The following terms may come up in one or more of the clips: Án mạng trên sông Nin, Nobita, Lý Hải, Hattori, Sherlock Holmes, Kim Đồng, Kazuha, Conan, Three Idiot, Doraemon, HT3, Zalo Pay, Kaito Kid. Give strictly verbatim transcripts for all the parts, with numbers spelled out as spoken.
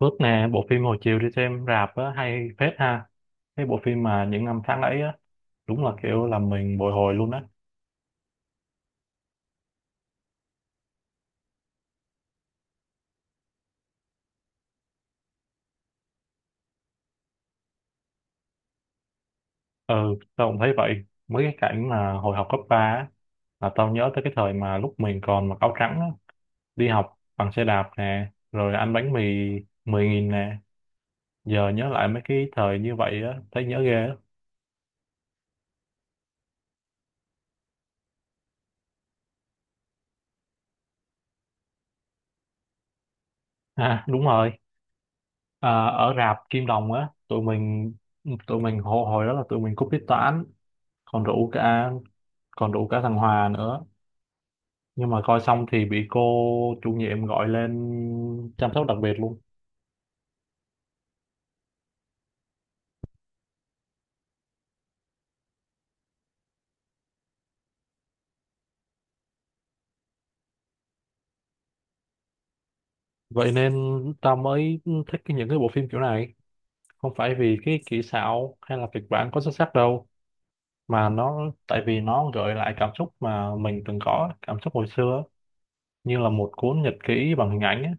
Phước nè, bộ phim hồi chiều đi xem rạp á, hay phết ha. Cái bộ phim mà những năm tháng ấy á, đúng là kiểu làm mình bồi hồi luôn á. Ừ, tao cũng thấy vậy. Mấy cái cảnh mà hồi học cấp ba á, là tao nhớ tới cái thời mà lúc mình còn mặc áo trắng á, đi học bằng xe đạp nè, rồi ăn bánh mì mười nghìn nè. Giờ nhớ lại mấy cái thời như vậy á, thấy nhớ ghê á. À, đúng rồi. À, ở rạp Kim Đồng á, tụi mình tụi mình hồi hồi đó là tụi mình cúp tiết toán, còn rủ cả còn rủ cả thằng Hòa nữa, nhưng mà coi xong thì bị cô chủ nhiệm gọi lên chăm sóc đặc biệt luôn. Vậy nên tao mới thích cái- những cái bộ phim kiểu này, không phải vì cái kỹ xảo hay là kịch bản có xuất sắc đâu, mà nó tại vì nó gợi lại cảm xúc mà mình từng có cảm xúc hồi xưa, như là một cuốn nhật ký bằng hình ảnh á.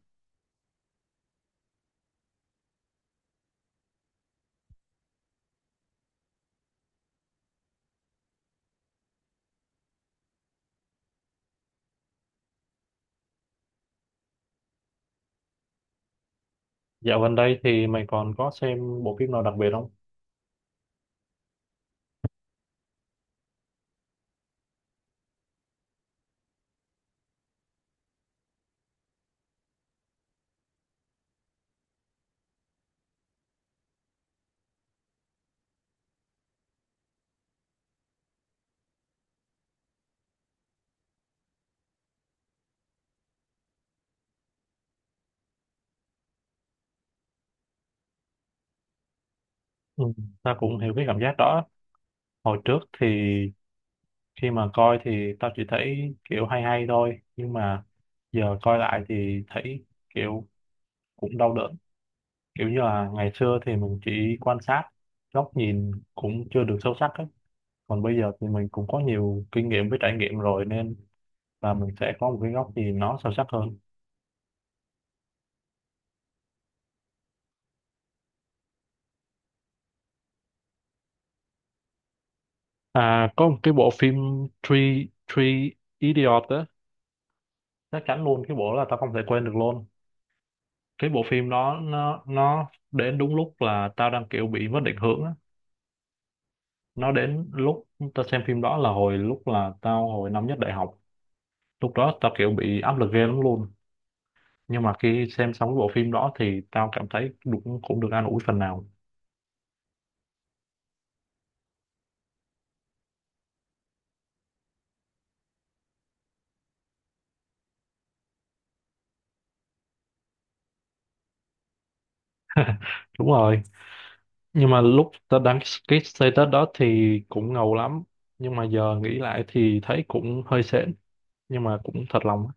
Dạo gần đây thì mày còn có xem bộ phim nào đặc biệt không? Ừ, ta cũng hiểu cái cảm giác đó. Hồi trước thì khi mà coi thì tao chỉ thấy kiểu hay hay thôi, nhưng mà giờ coi lại thì thấy kiểu cũng đau đớn. Kiểu như là ngày xưa thì mình chỉ quan sát, góc nhìn cũng chưa được sâu sắc ấy, còn bây giờ thì mình cũng có nhiều kinh nghiệm với trải nghiệm rồi, nên là mình sẽ có một cái góc nhìn nó sâu sắc hơn. À, có một cái bộ phim Three Three Idiot á, chắc chắn luôn cái bộ đó là tao không thể quên được luôn. Cái bộ phim đó nó nó đến đúng lúc là tao đang kiểu bị mất định hướng á, nó đến lúc tao xem phim đó là hồi lúc là tao hồi năm nhất đại học. Lúc đó tao kiểu bị áp lực ghê lắm luôn, nhưng mà khi xem xong cái bộ phim đó thì tao cảm thấy cũng cũng được an ủi phần nào. Đúng rồi, nhưng mà lúc tao đăng cái status đó thì cũng ngầu lắm, nhưng mà giờ nghĩ lại thì thấy cũng hơi sến, nhưng mà cũng thật lòng á.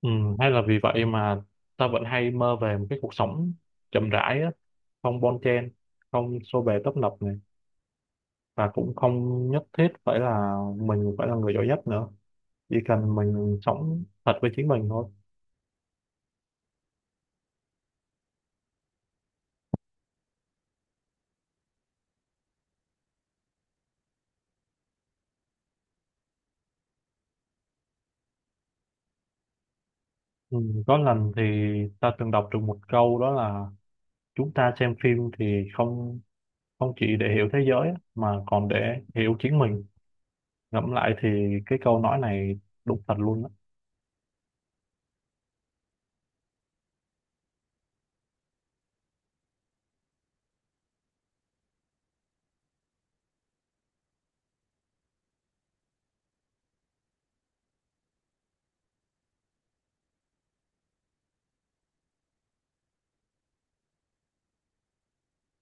Ừ, hay là vì vậy mà tao vẫn hay mơ về một cái cuộc sống chậm rãi á, không bon chen, không xô bồ tấp nập này, và cũng không nhất thiết phải là mình phải là người giỏi nhất nữa, chỉ cần mình sống thật với chính mình thôi. Ừ, có lần thì ta từng đọc được một câu đó là chúng ta xem phim thì không không chỉ để hiểu thế giới á, mà còn để hiểu chính mình. Ngẫm lại thì cái câu nói này đúng thật luôn á.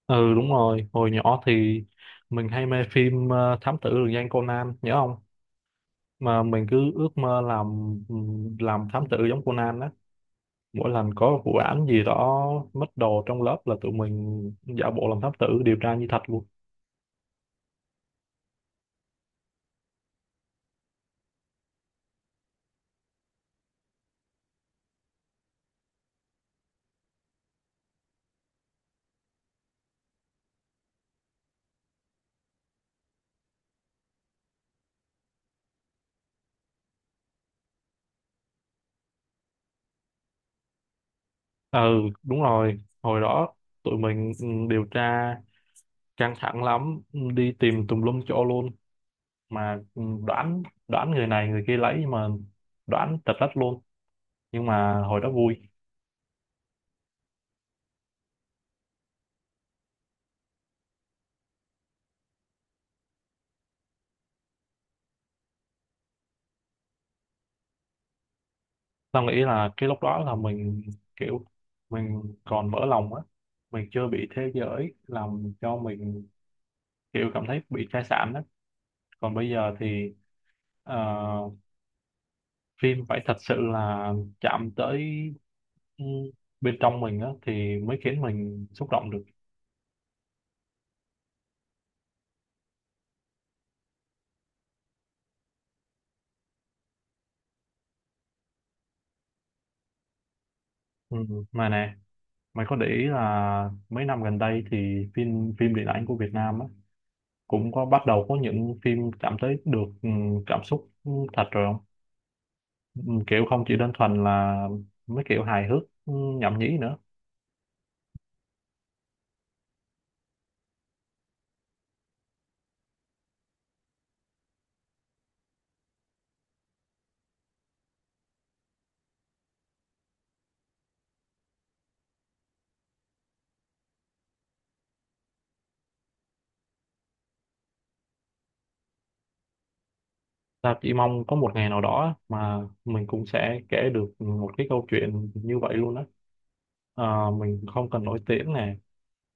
Ừ, đúng rồi, hồi nhỏ thì mình hay mê phim ờ, Thám Tử Lừng Danh Conan, nhớ không? Mà mình cứ ước mơ làm làm thám tử giống Conan đó. Mỗi lần có vụ án gì đó mất đồ trong lớp là tụi mình giả bộ làm thám tử điều tra như thật luôn. Ừ, đúng rồi, hồi đó tụi mình ừ, điều tra căng thẳng lắm, ừ, đi tìm tùm lum chỗ luôn mà, ừ, đoán đoán người này người kia lấy, nhưng mà đoán tật đất luôn, nhưng mà hồi đó vui. Tao nghĩ là cái lúc đó là mình kiểu mình còn mở lòng á, mình chưa bị thế giới làm cho mình kiểu cảm thấy bị sai sản á. Còn bây giờ thì ờ, phim phải thật sự là chạm tới ừ, bên trong mình á thì mới khiến mình xúc động được. Ừ. Mà nè, mày có để ý là mấy năm gần đây thì phim phim điện ảnh của Việt Nam á cũng có bắt đầu có những phim chạm tới được ừ, cảm xúc ừ, thật rồi không? Ừ, kiểu không chỉ đơn thuần là mấy kiểu hài hước ừ, nhảm nhí nữa. Ta chỉ mong có một ngày nào đó á, mà mình cũng sẽ kể được một cái câu chuyện như vậy luôn á. Ờ, mình không cần nổi tiếng nè,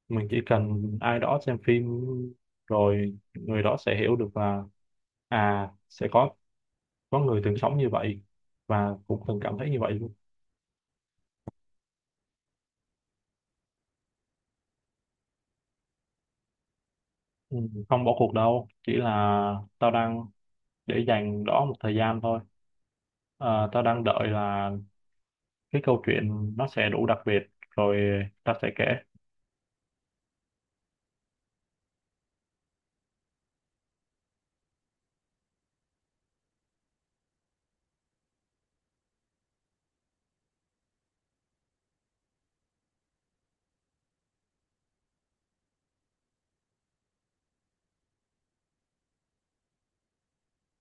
mình chỉ cần ai đó xem phim rồi người đó sẽ hiểu được là à sẽ có có người từng sống như vậy và cũng từng cảm thấy như vậy luôn. Ừ, không bỏ cuộc đâu, chỉ là tao đang để dành đó một thời gian thôi. Ờ, tao đang đợi là cái câu chuyện nó sẽ đủ đặc biệt rồi tao sẽ kể.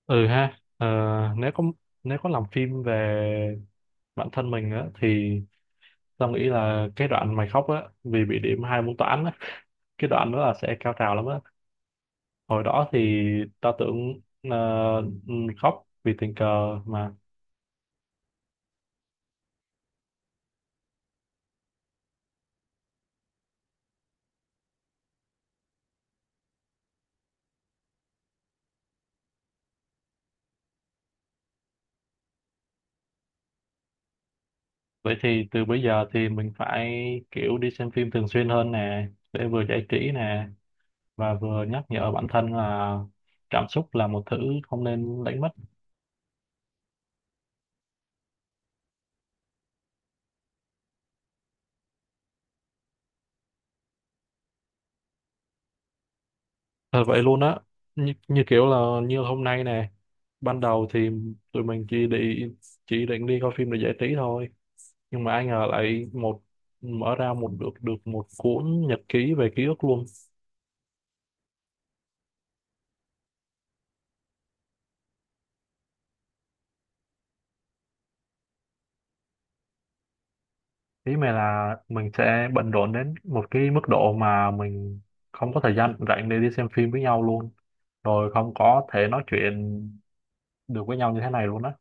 Ừ ha, ờ, nếu có nếu có làm phim về bản thân mình á, thì tao nghĩ là cái đoạn mày khóc á vì bị điểm hai môn toán á, cái đoạn đó là sẽ cao trào lắm á. Hồi đó thì tao tưởng ờ, khóc vì tình cờ mà. Vậy thì từ bây giờ thì mình phải kiểu đi xem phim thường xuyên hơn nè, để vừa giải trí nè, và vừa nhắc nhở bản thân là cảm xúc là một thứ không nên đánh mất. Thật vậy luôn á, như, như kiểu là như hôm nay nè. Ban đầu thì tụi mình chỉ đi chỉ định đi coi phim để giải trí thôi, nhưng mà ai ngờ lại một mở ra một được được một cuốn nhật ký về ký ức luôn. Ý mày là mình sẽ bận rộn đến một cái mức độ mà mình không có thời gian rảnh để đi xem phim với nhau luôn, rồi không có thể nói chuyện được với nhau như thế này luôn á?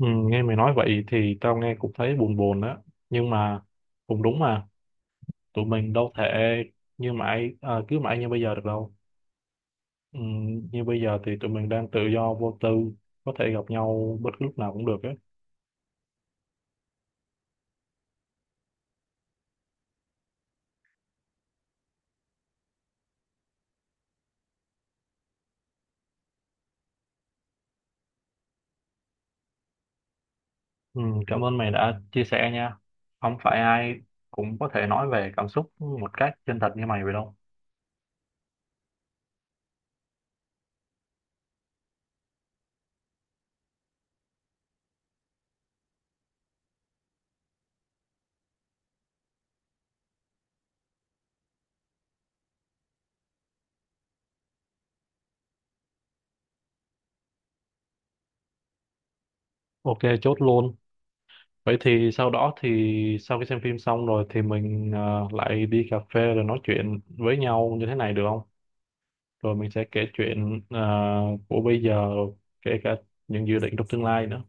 Ừ, nghe mày nói vậy thì tao nghe cũng thấy buồn buồn á, nhưng mà cũng đúng mà, tụi mình đâu thể như mãi à, cứ mãi như bây giờ được đâu. Ừ, như bây giờ thì tụi mình đang tự do vô tư, có thể gặp nhau bất cứ lúc nào cũng được á. Ừ, cảm ơn mày đã chia sẻ nha. Không phải ai cũng có thể nói về cảm xúc một cách chân thật như mày vậy đâu. OK, chốt luôn. Vậy thì sau đó thì sau khi xem phim xong rồi thì mình ờ, lại đi cà phê rồi nói chuyện với nhau như thế này được không? Rồi mình sẽ kể chuyện ờ, của bây giờ, kể cả những dự định trong tương lai nữa.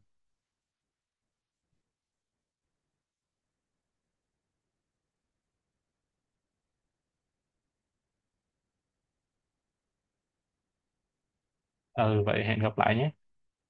Ừ, vậy hẹn gặp lại nhé.